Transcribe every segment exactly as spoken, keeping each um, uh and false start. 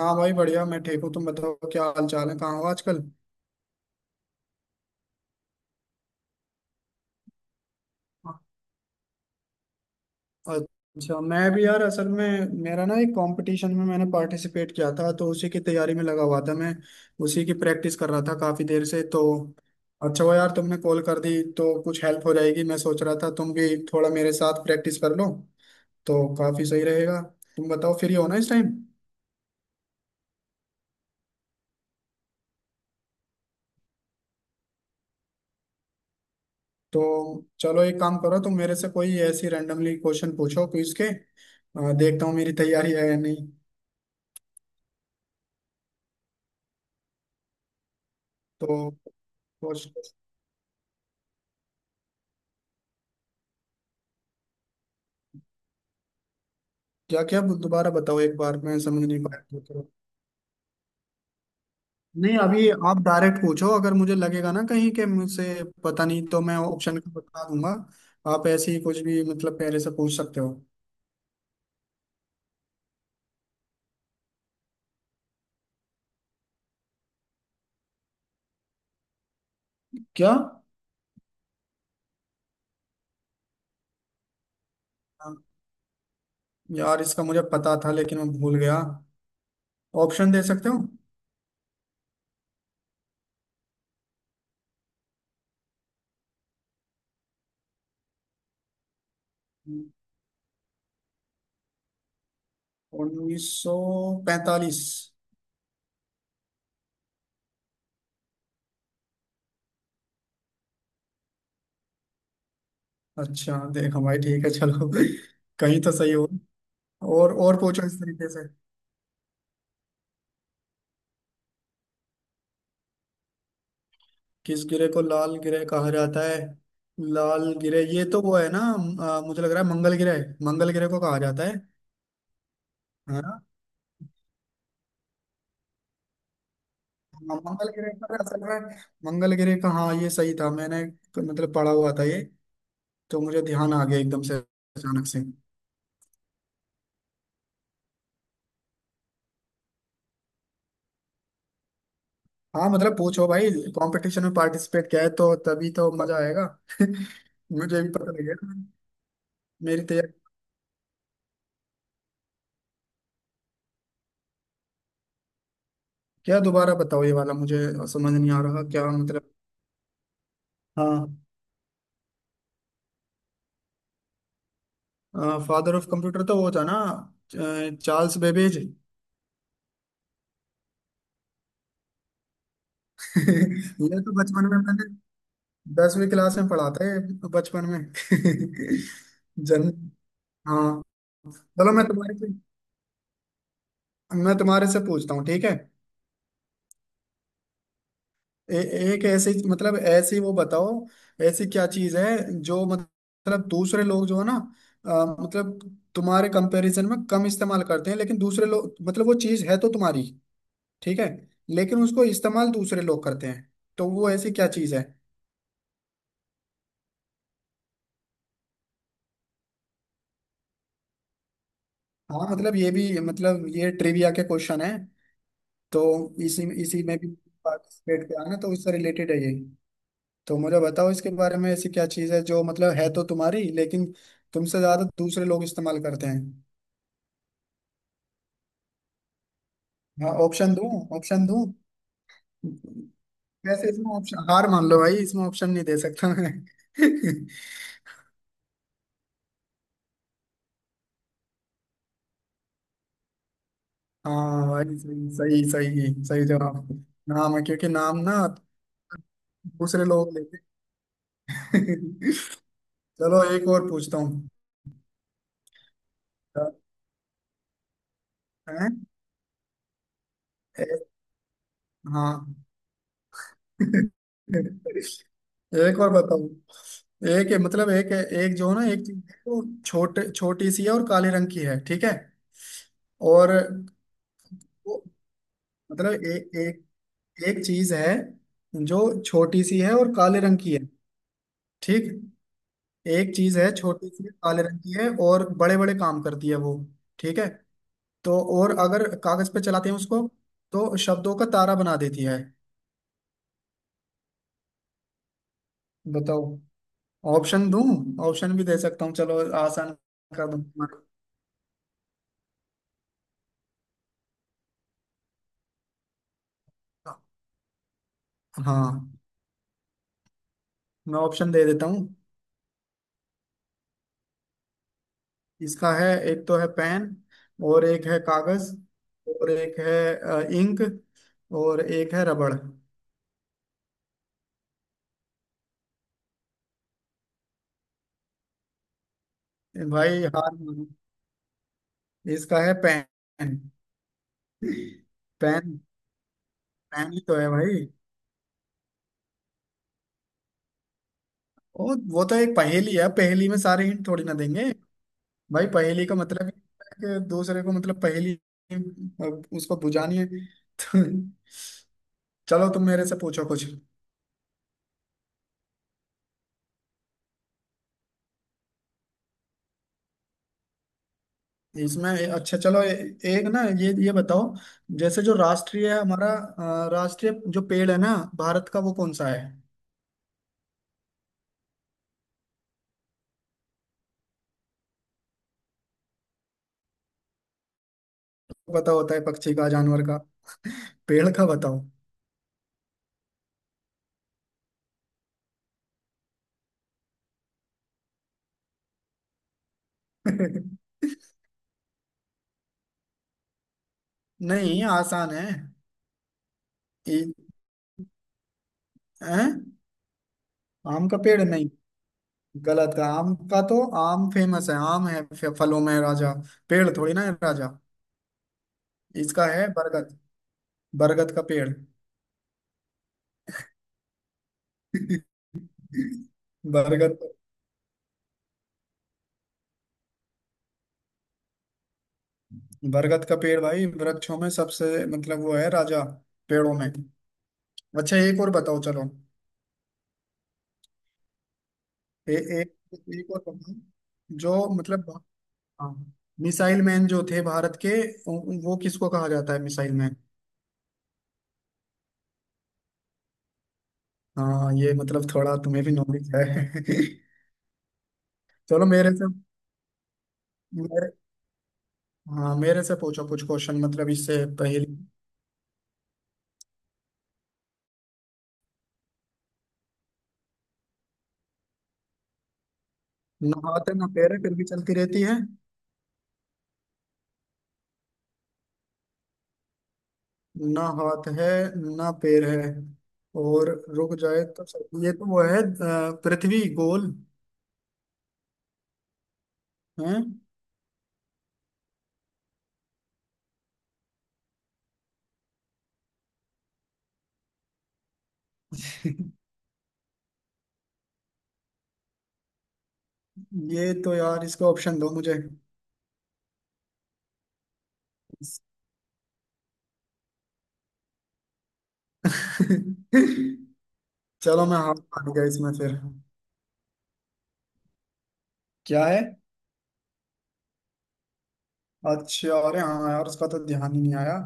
हाँ भाई, बढ़िया। मैं ठीक हूँ, तुम बताओ क्या हाल चाल है, कहाँ हो आजकल? अच्छा मैं भी यार, असल में मेरा ना एक कंपटीशन में मैंने पार्टिसिपेट किया था, तो उसी की तैयारी में लगा हुआ था मैं। उसी की प्रैक्टिस कर रहा था काफी देर से तो। अच्छा वो यार, तुमने कॉल कर दी तो कुछ हेल्प हो जाएगी। मैं सोच रहा था तुम भी थोड़ा मेरे साथ प्रैक्टिस कर लो, तो काफी सही रहेगा। तुम बताओ, फ्री हो ना इस टाइम? तो चलो, एक काम करो, तुम मेरे से कोई ऐसी रैंडमली क्वेश्चन पूछो क्विज के, अ, देखता हूँ मेरी तैयारी है या नहीं। तो और क्या? क्या दोबारा बताओ एक बार, मैं समझ नहीं पाया तो थोड़ा। नहीं अभी, हम्म। आप डायरेक्ट पूछो, अगर मुझे लगेगा ना कहीं के मुझसे पता नहीं, तो मैं ऑप्शन का बता दूंगा। आप ऐसे ही कुछ भी मतलब पहले से पूछ सकते हो। क्या? हाँ यार, इसका मुझे पता था लेकिन मैं भूल गया। ऑप्शन दे सकते हो? उन्नीस सौ पैंतालीस। अच्छा देखो भाई, ठीक है चलो कहीं तो सही हो। और और पूछो इस तरीके से। किस गिरे को लाल गिरह कहा जाता है? लाल गिरह, ये तो वो है ना, अ, मुझे लग रहा है मंगल गिरह। मंगल गिरह को कहा जाता है। है ना? हाँ, मंगल गिरह पर असल में। मंगल गिरह का, हाँ ये सही था मैंने, मतलब पढ़ा हुआ था ये। तो मुझे ध्यान आ गया एकदम से अचानक से। हाँ मतलब पूछो भाई, कंपटीशन में पार्टिसिपेट किया है तो तभी तो मजा आएगा। मुझे भी पता लगेगा मेरी तैयारी। क्या? दोबारा बताओ ये वाला, मुझे समझ नहीं आ रहा क्या मतलब। हाँ, फादर ऑफ कंप्यूटर तो वो था ना, अ, चार्ल्स बेबेज। ये तो बचपन में मैंने दसवीं क्लास में पढ़ा था, ये तो बचपन में जन्म। हाँ चलो, मैं तुम्हारे से मैं तुम्हारे से पूछता हूँ, ठीक है। ए, एक ऐसी, मतलब ऐसी वो बताओ, ऐसी क्या चीज है जो मतलब दूसरे लोग, जो है ना, अ, मतलब तुम्हारे कंपैरिजन में कम इस्तेमाल करते हैं, लेकिन दूसरे लोग, मतलब वो चीज है तो तुम्हारी, ठीक है, लेकिन उसको इस्तेमाल दूसरे लोग करते हैं। तो वो ऐसी क्या चीज है? हाँ मतलब ये भी, मतलब ये ट्रिविया के क्वेश्चन है। तो इसी इसी में भी पार्टिसिपेट किया ना, तो उससे रिलेटेड है ये। तो मुझे बताओ इसके बारे में, ऐसी क्या चीज़ है जो मतलब है तो तुम्हारी, लेकिन तुमसे ज़्यादा दूसरे लोग इस्तेमाल करते हैं। हाँ ऑप्शन दूं? ऑप्शन दूं? वैसे इसमें ऑप्शन, हार मान लो भाई, इसमें ऑप्शन नहीं दे सकता मैं। हाँ भाई, सही सही सही सही जवाब। नाम है, क्योंकि नाम ना दूसरे लोग लेते हैं। चलो एक और पूछता हूँ। हैं? हाँ। एक और बताओ। एक है, मतलब एक है, एक जो है ना, एक चीज है वो छोटे छोटी सी है और काले रंग की है, ठीक है। और वो, मतलब ए, एक एक चीज है जो छोटी सी है और काले रंग की है, ठीक। एक चीज है छोटी सी, काले रंग की है और बड़े बड़े काम करती है वो, ठीक है, तो और अगर कागज पे चलाते हैं उसको, तो शब्दों का तारा बना देती है। बताओ। ऑप्शन दूं? ऑप्शन भी दे सकता हूँ, चलो आसान कर दूं। हाँ मैं ऑप्शन दे देता हूँ। इसका है, एक तो है पेन, और एक है कागज, और एक है इंक, और एक है रबड़। भाई हार मानो, इसका है पेन। पेन। पेन ही तो है भाई। वो वो तो एक पहेली है, पहेली में सारे हिंट थोड़ी ना देंगे। भाई पहेली का मतलब ही है कि दूसरे को, मतलब पहेली, अ, उसको बुझानी है। चलो तुम मेरे से पूछो कुछ, इसमें। अच्छा चलो ए, एक ना, ये ये बताओ, जैसे जो राष्ट्रीय है हमारा, अ, राष्ट्रीय जो पेड़ है ना भारत का, वो कौन सा है? पता होता है पक्षी का, जानवर का, पेड़ का बताओ। नहीं, आसान है। ए, हैं? आम का पेड़ नहीं, गलत है। आम का तो आम फेमस है, आम है, फ- फलों में राजा। पेड़ थोड़ी ना है राजा। इसका है बरगद। बरगद का पेड़। बरगद। बरगद का पेड़ भाई, वृक्षों में सबसे, मतलब वो है राजा पेड़ों में। अच्छा एक और बताओ चलो। ए, एक एक और बताओ, जो मतलब, हाँ, मिसाइल मैन जो थे भारत के, उ- वो किसको कहा जाता है मिसाइल मैन? हाँ, ये मतलब थोड़ा तुम्हें भी नॉलेज है। चलो मेरे से, मेरे, हाँ मेरे से पूछो कुछ क्वेश्चन, मतलब इससे पहले। ना हाथ है ना पैर है फिर भी चलती रहती है। ना हाथ है, ना पैर है, और रुक जाए तो सब, ये तो वो है, अ, पृथ्वी गोल है। ये तो यार इसका ऑप्शन दो मुझे। चलो मैं हाथ मान गया इसमें। फिर क्या है? अच्छा, अरे हाँ यार, उसका तो ध्यान ही नहीं आया।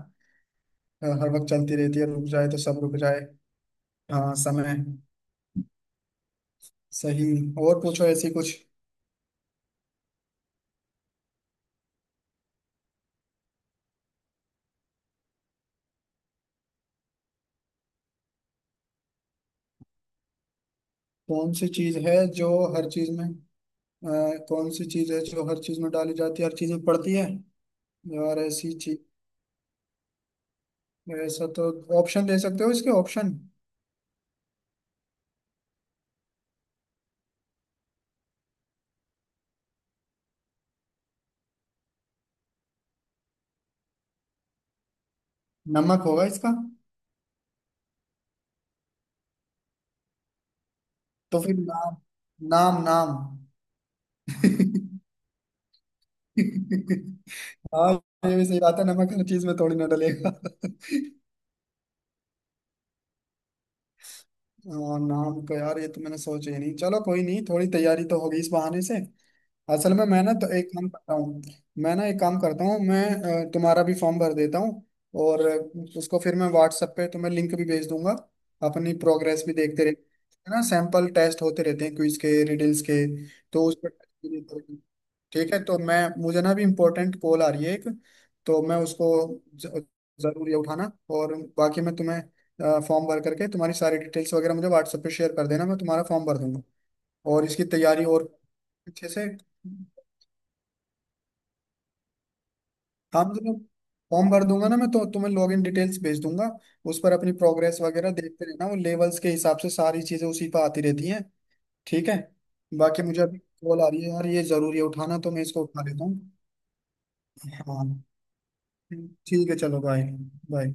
हर वक्त चलती रहती है, रुक जाए तो सब रुक जाए। हाँ, समय। सही। और पूछो ऐसी कुछ। कौन सी चीज है जो हर चीज में, अ, कौन सी चीज है जो हर चीज में डाली जाती है, हर चीज में पड़ती है? यार ऐसी चीज, ऐसा तो। ऑप्शन दे सकते हो इसके? ऑप्शन? नमक होगा इसका। तो फिर नाम। नाम, नाम। हाँ, ये भी सही बात है, नमक हर चीज में थोड़ी ना डलेगा। हाँ, नाम का यार, ये तो मैंने सोचा ही नहीं। चलो कोई नहीं, थोड़ी तैयारी तो होगी इस बहाने से। असल में मैं ना तो एक काम करता हूँ, मैं ना एक काम करता हूँ मैं, अ, तुम्हारा भी फॉर्म भर देता हूँ। और अ, उसको फिर मैं व्हाट्सएप पे तुम्हें लिंक भी भेज दूंगा। अपनी प्रोग्रेस भी देखते रहे, है ना? सैंपल टेस्ट होते रहते हैं क्विज के, रिडल्स के, तो उस पर। ठीक है, तो मैं, मुझे ना अभी इम्पोर्टेंट कॉल आ रही है एक, तो मैं उसको, ज- जरूर ये उठाना। और बाकी मैं तुम्हें, फॉर्म भर करके तुम्हारी सारी डिटेल्स वगैरह मुझे व्हाट्सएप पे शेयर कर देना, मैं तुम्हारा फॉर्म भर दूंगा। और इसकी तैयारी और अच्छे से। आप जब, फॉर्म भर दूंगा ना मैं, तो तुम्हें लॉग इन डिटेल्स भेज दूंगा। उस पर अपनी प्रोग्रेस वगैरह देखते रहना, वो लेवल्स के हिसाब से सारी चीजें उसी पर आती रहती हैं, ठीक है। बाकी मुझे अभी कॉल आ रही है यार, ये जरूरी है उठाना, तो मैं इसको उठा लेता हूँ। हाँ, ठीक है चलो बाय। बाय।